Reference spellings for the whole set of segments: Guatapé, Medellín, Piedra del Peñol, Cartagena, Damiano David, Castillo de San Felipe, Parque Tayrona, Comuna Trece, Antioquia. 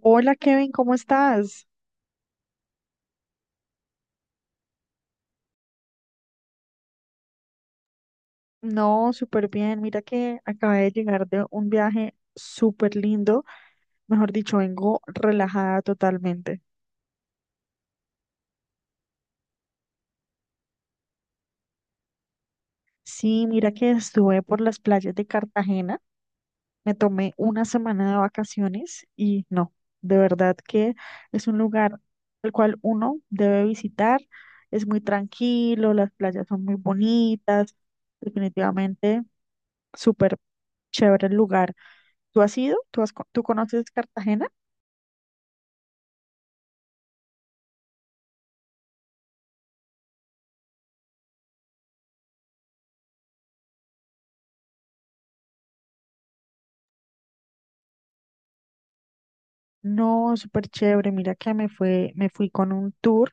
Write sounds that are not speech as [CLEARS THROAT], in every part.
Hola Kevin, ¿cómo estás? No, súper bien. Mira que acabé de llegar de un viaje súper lindo. Mejor dicho, vengo relajada totalmente. Sí, mira que estuve por las playas de Cartagena. Me tomé una semana de vacaciones y no, de verdad que es un lugar el cual uno debe visitar. Es muy tranquilo, las playas son muy bonitas. Definitivamente, súper chévere el lugar. ¿Tú has ido? ¿Tú conoces Cartagena? No, súper chévere. Mira que me fui con un tour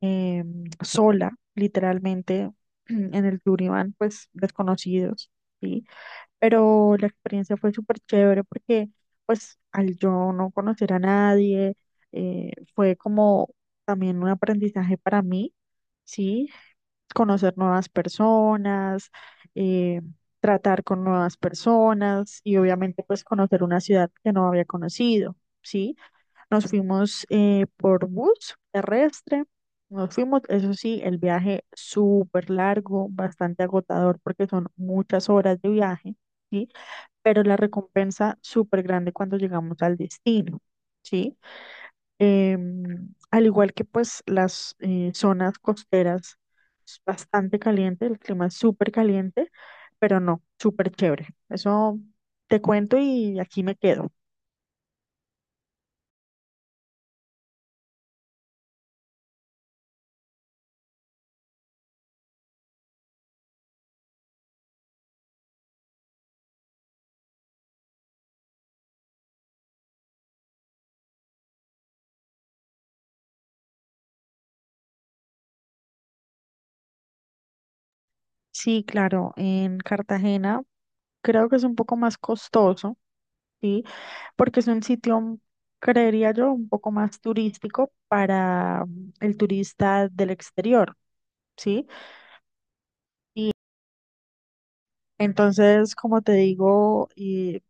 eh, sola, literalmente. [CLEARS THROAT] En el tour iban pues desconocidos, ¿sí? Pero la experiencia fue súper chévere porque pues al yo no conocer a nadie, fue como también un aprendizaje para mí, ¿sí? Conocer nuevas personas, eh, tratar con nuevas personas y obviamente pues conocer una ciudad que no había conocido, ¿sí? Nos fuimos por bus terrestre, nos fuimos, eso sí, el viaje súper largo, bastante agotador porque son muchas horas de viaje, ¿sí? Pero la recompensa súper grande cuando llegamos al destino, ¿sí? Al igual que pues las zonas costeras, es bastante caliente, el clima es súper caliente, pero no, súper chévere. Eso te cuento y aquí me quedo. Sí, claro, en Cartagena creo que es un poco más costoso. Sí, porque es un sitio, creería yo, un poco más turístico para el turista del exterior, ¿sí? Entonces, como te digo, y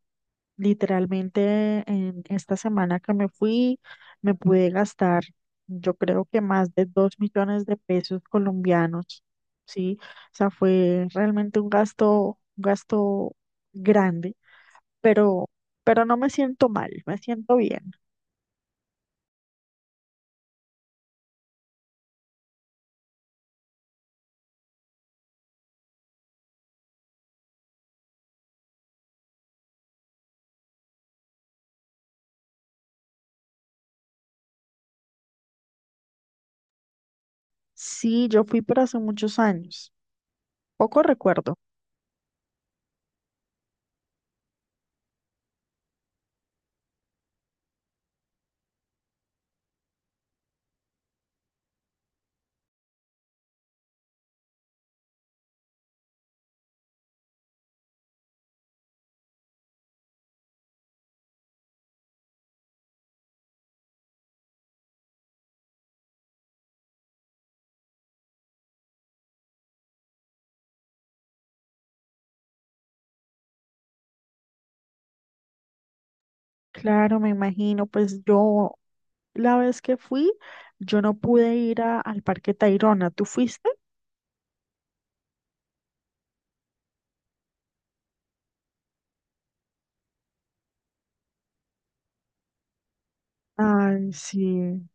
literalmente en esta semana que me fui, me pude gastar, yo creo que más de 2 millones de pesos colombianos, ¿sí? O sea, fue realmente un gasto grande, pero, no me siento mal, me siento bien. Sí, yo fui, pero hace muchos años. Poco recuerdo. Claro, me imagino, pues yo la vez que fui, yo no pude ir al Parque Tayrona. ¿Tú fuiste? Ay, sí.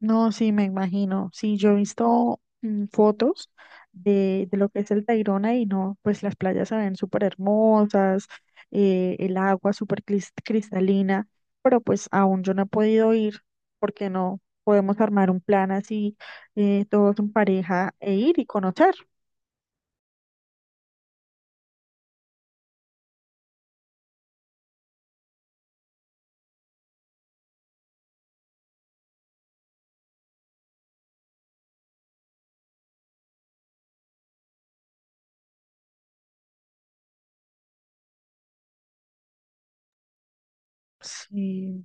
No, sí, me imagino. Sí, yo he visto fotos de lo que es el Tayrona y no, pues las playas se ven súper hermosas, el agua súper cristalina, pero pues aún yo no he podido ir porque no podemos armar un plan así, todos en pareja e ir y conocer. Sí,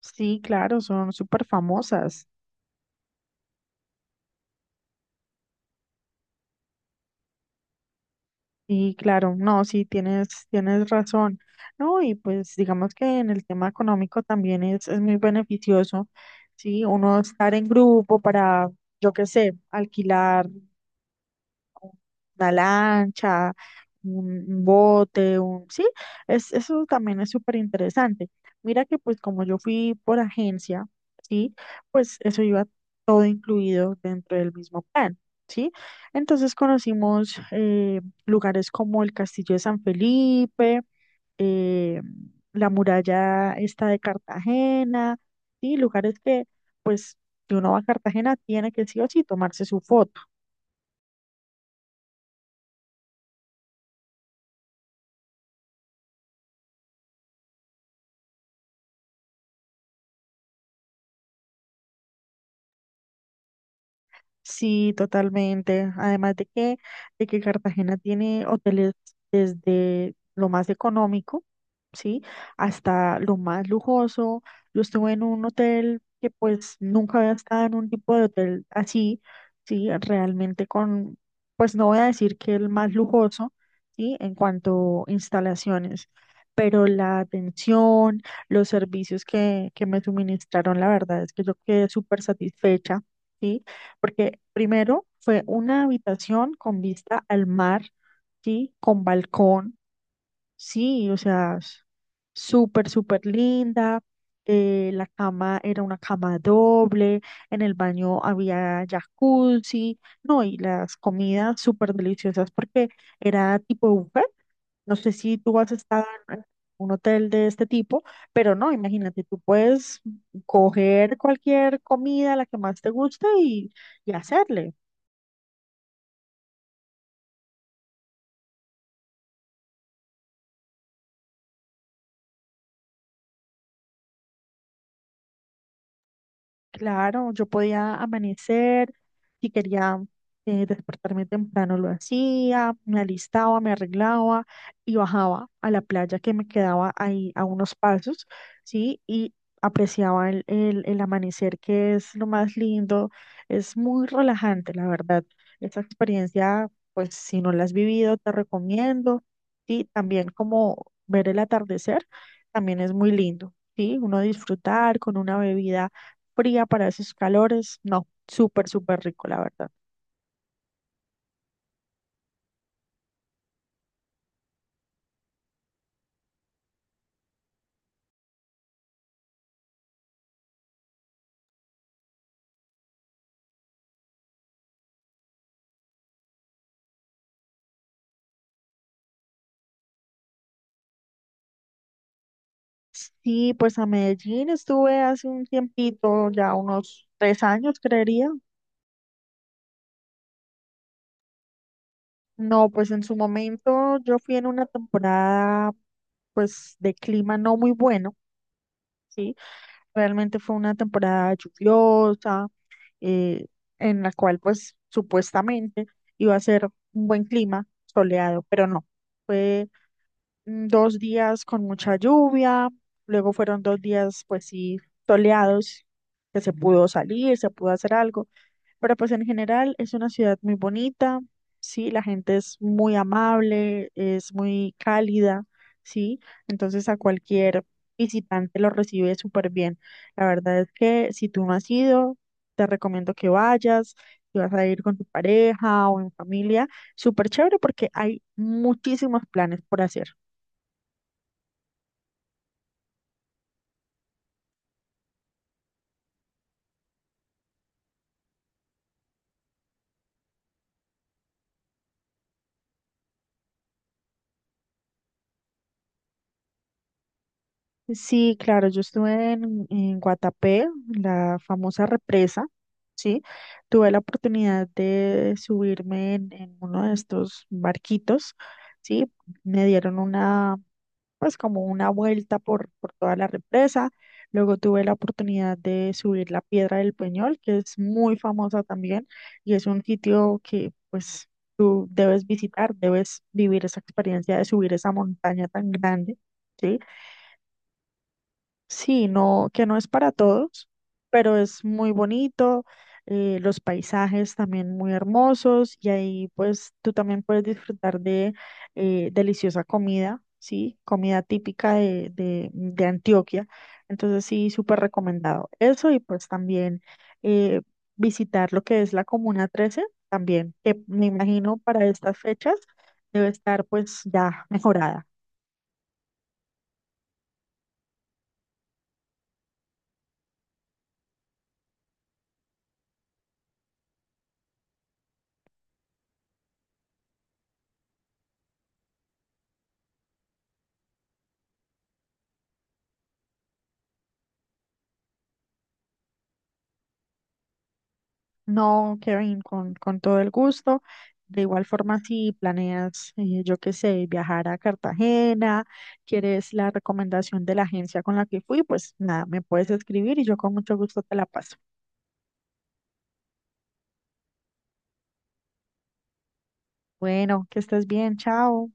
sí, claro, son súper famosas. Sí, claro, no, sí, tienes razón. No, y pues digamos que en el tema económico también es muy beneficioso, sí, uno estar en grupo para, yo qué sé, alquilar una lancha, un bote. Sí, eso también es súper interesante. Mira que pues como yo fui por agencia, ¿sí? Pues eso iba todo incluido dentro del mismo plan, ¿sí? Entonces conocimos lugares como el Castillo de San Felipe, eh, la muralla esta de Cartagena, ¿sí? Lugares que pues si uno va a Cartagena tiene que sí o sí tomarse su foto. Sí, totalmente. Además de que Cartagena tiene hoteles desde lo más económico, ¿sí? Hasta lo más lujoso. Yo estuve en un hotel que pues nunca había estado en un tipo de hotel así, ¿sí? Realmente con, pues no voy a decir que el más lujoso, ¿sí? En cuanto a instalaciones, pero la atención, los servicios que me suministraron, la verdad es que yo quedé súper satisfecha. ¿Sí? Porque primero fue una habitación con vista al mar, ¿sí? Con balcón, sí, o sea, súper, súper linda. La cama era una cama doble, en el baño había jacuzzi, no, y las comidas súper deliciosas porque era tipo buffet. No sé si tú has estado en un hotel de este tipo, pero no, imagínate, tú puedes coger cualquier comida, la que más te gusta y hacerle. Claro, yo podía amanecer, si quería despertarme temprano lo hacía, me alistaba, me arreglaba y bajaba a la playa que me quedaba ahí a unos pasos, ¿sí? Y apreciaba el amanecer, que es lo más lindo, es muy relajante, la verdad. Esa experiencia, pues si no la has vivido, te recomiendo, y también como ver el atardecer, también es muy lindo, ¿sí? Uno disfrutar con una bebida fría para esos calores. No, súper, súper rico, la verdad. Sí, pues a Medellín estuve hace un tiempito, ya unos 3 años, creería. No, pues en su momento yo fui en una temporada, pues de clima no muy bueno, ¿sí? Realmente fue una temporada lluviosa, eh, en la cual pues supuestamente iba a ser un buen clima soleado, pero no. Fue 2 días con mucha lluvia, luego fueron 2 días, pues sí, soleados, que se pudo salir, se pudo hacer algo, pero pues en general es una ciudad muy bonita, sí, la gente es muy amable, es muy cálida, sí, entonces a cualquier visitante lo recibe súper bien. La verdad es que si tú no has ido, te recomiendo que vayas. Si vas a ir con tu pareja o en familia, súper chévere porque hay muchísimos planes por hacer. Sí, claro, yo estuve en Guatapé, la famosa represa, ¿sí? Tuve la oportunidad de subirme en uno de estos barquitos, ¿sí? Me dieron una, pues como una vuelta por toda la represa. Luego tuve la oportunidad de subir la Piedra del Peñol, que es muy famosa también y es un sitio que, pues, tú debes visitar, debes vivir esa experiencia de subir esa montaña tan grande, ¿sí? Sí, no, que no es para todos, pero es muy bonito, los paisajes también muy hermosos y ahí pues tú también puedes disfrutar de deliciosa comida, ¿sí? Comida típica de Antioquia. Entonces sí, súper recomendado. Eso y pues también eh, visitar lo que es la Comuna 13 también, que me imagino para estas fechas debe estar pues ya mejorada. No, Kevin, con todo el gusto. De igual forma, si planeas, yo qué sé, viajar a Cartagena, quieres la recomendación de la agencia con la que fui, pues nada, me puedes escribir y yo con mucho gusto te la paso. Bueno, que estés bien, chao.